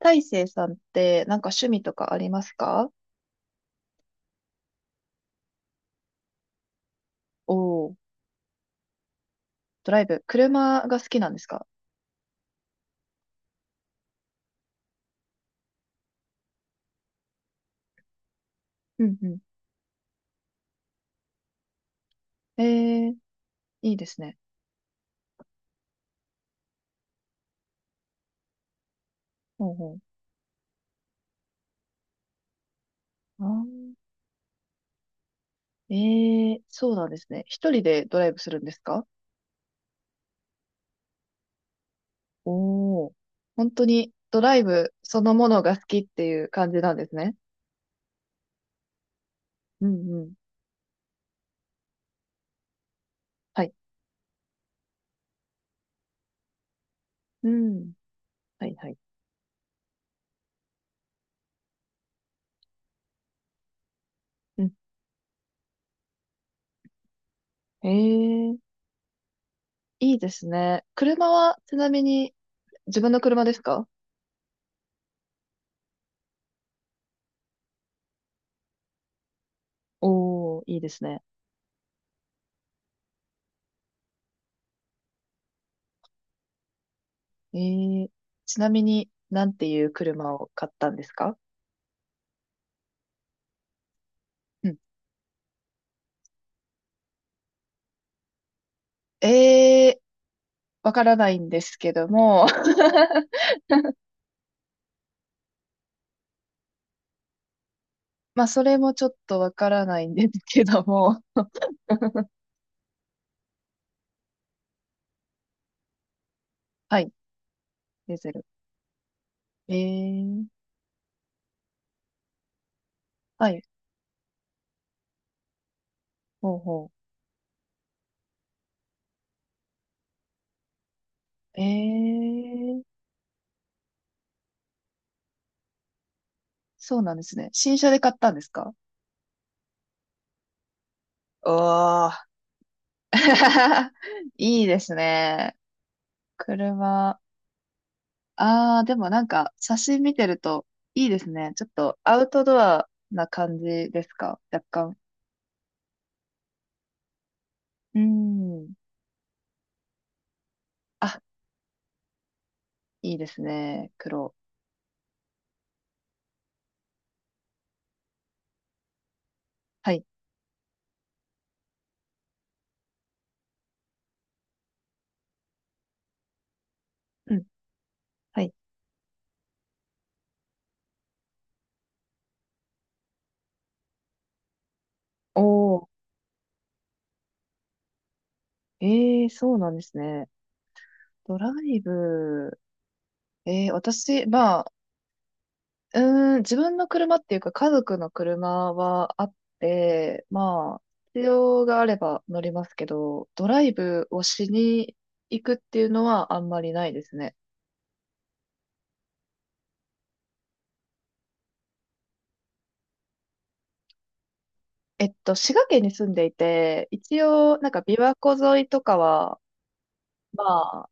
大成さんってなんか趣味とかありますか？おおー、ドライブ。車が好きなんですか？うんうん。ええ、いいですね。ほうほう。あー、ええ、そうなんですね。一人でドライブするんですか？おおー、本当にドライブそのものが好きっていう感じなんですね。うんうん。はい。うん。はいはい。うん。ええ、いいですね。車はちなみに自分の車ですか？おおー、いいですね。えー、ちなみに、なんていう車を買ったんですか？うん。えー、わからないんですけども。まあ、それもちょっとわからないんですけども。はい、デゼル。えー、はい、ほうほう。えー、そうなんですね。新車で買ったんですか？おー。いいですね。車。ああ、でもなんか、写真見てるといいですね。ちょっとアウトドアな感じですか若干。うん。あ、いいですね。黒。はい。うん。はい。おー。ええ、そうなんですね。ドライブ。ええ、私、まあ、うーん、自分の車っていうか、家族の車はあって、まあ、必要があれば乗りますけど、ドライブをしに行くっていうのはあんまりないですね。えっと、滋賀県に住んでいて、一応、なんか琵琶湖沿いとかは、ま、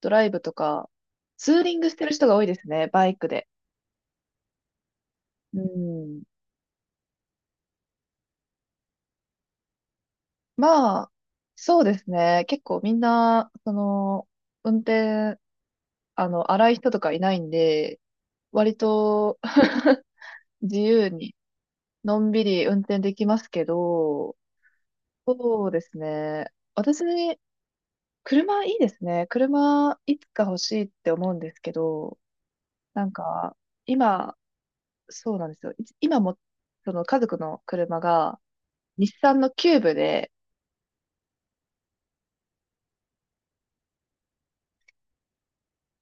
ドライブとか、ツーリングしてる人が多いですね、バイクで。うん。まあ、そうですね。結構みんな、その、運転、荒い人とかいないんで、割と 自由に、のんびり運転できますけど、そうですね。私、車いいですね。車、いつか欲しいって思うんですけど、なんか、今、そうなんですよ。いつ今も、その家族の車が、日産のキューブで、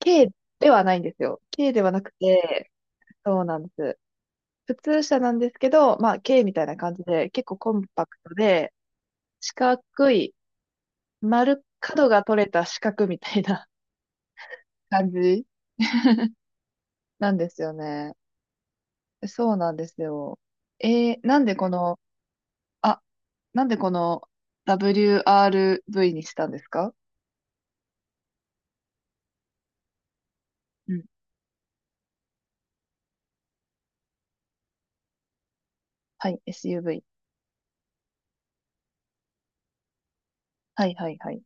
軽ではないんですよ。軽ではなくて、そうなんです。普通車なんですけど、まあ、軽みたいな感じで、結構コンパクトで、四角い、丸、角が取れた四角みたいな 感じなんですよね。そうなんですよ。えー、なんでこの、あ、なんでこの WRV にしたんですか？うん。はい、SUV。はい、はい、はい。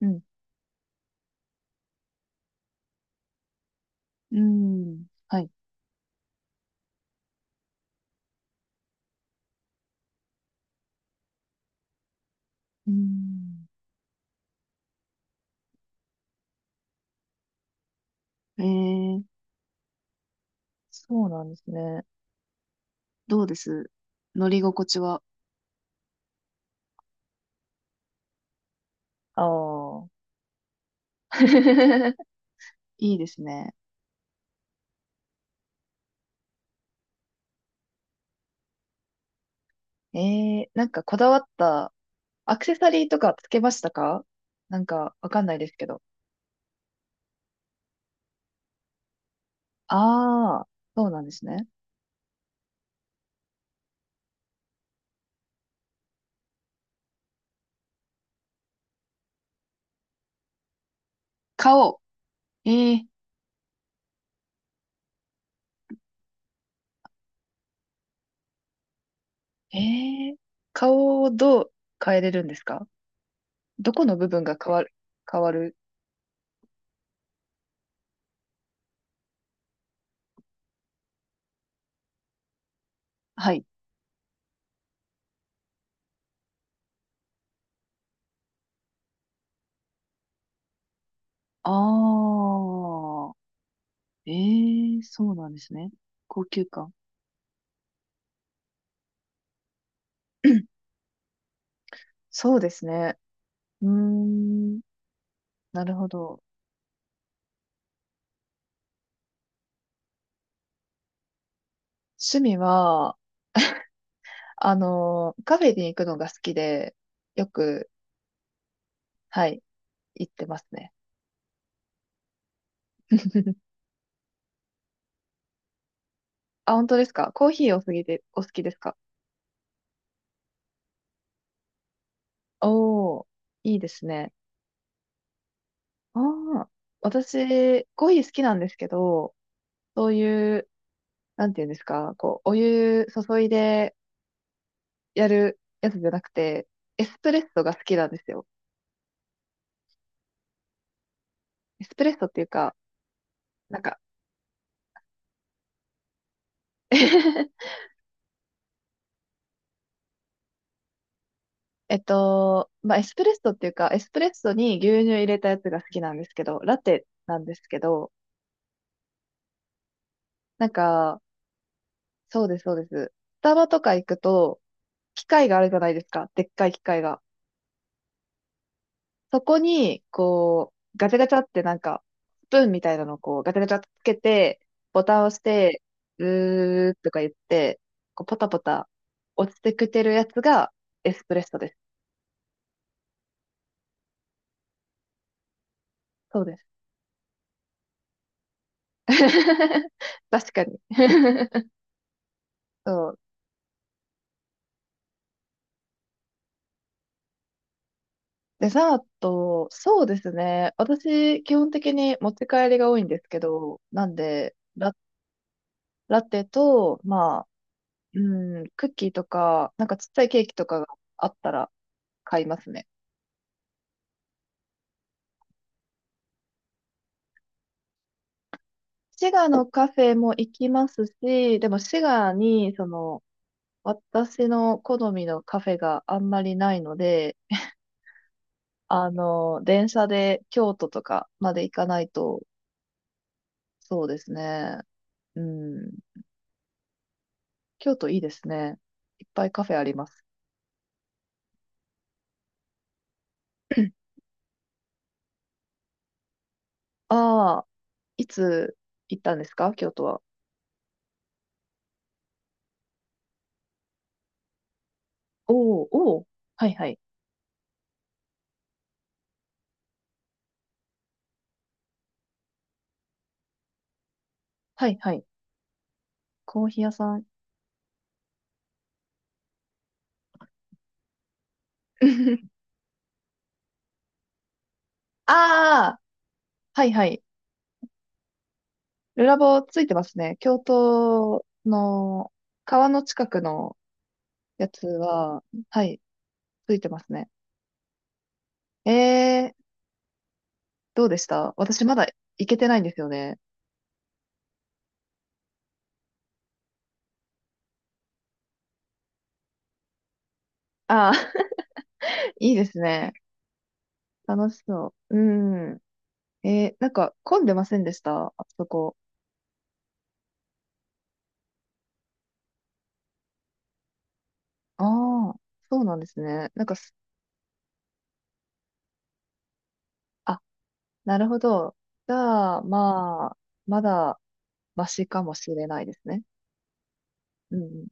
うん。うーん。はい。うーん。えー、そうなんですね。どうです乗り心地は。ああ。いいですね。ええ、なんかこだわったアクセサリーとかつけましたか？なんかわかんないですけど。ああ、そうなんですね。顔。ええ、ええ、顔をどう変えれるんですか？どこの部分が変わる、変わる。はい。ああ、ええ、そうなんですね。高級感。そうですね。うーん、なるほど。趣味は、カフェに行くのが好きで、よく、はい、行ってますね。あ、本当ですか？コーヒーお好きで、お好きですか？おー、いいですね。ああ、私、コーヒー好きなんですけど、そういう、なんていうんですか、こう、お湯注いでやるやつじゃなくて、エスプレッソが好きなんですよ。エスプレッソっていうか、なんか えっと、まあ、エスプレッソっていうか、エスプレッソに牛乳入れたやつが好きなんですけど、ラテなんですけど、なんか、そうです、そうです。スタバとか行くと、機械があるじゃないですか。でっかい機械が。そこに、こう、ガチャガチャってなんか、スプーンみたいなのをこう、ガチャガチャってつけて、ボタンを押して、うーとか言って、こう、ポタポタ落ちてくてるやつがエスプレッソです。そうです。確かに。そうデザート、そうですね。私、基本的に持ち帰りが多いんですけど、なんで、ラ、ラテと、まあ、うん、クッキーとか、なんかちっちゃいケーキとかがあったら買いますね。滋賀のカフェも行きますし、でも滋賀に、その、私の好みのカフェがあんまりないので、電車で京都とかまで行かないと、そうですね。うん、京都いいですね。いっぱいカフェあります。ああ、いつ行ったんですか京都は。おお、おお、はいはい。はいはい。コーヒー屋さん。ああ、はいはい。ルラボついてますね。京都の川の近くのやつは、はい、ついてますね。ええー、どうでした？私まだ行けてないんですよね。ああ、いいですね。楽しそう。うん。えー、なんか混んでませんでしたあそこ。ああ、そうなんですね。なんかす、あ、なるほど。じゃあ、まあ、まだマシかもしれないですね。うんうん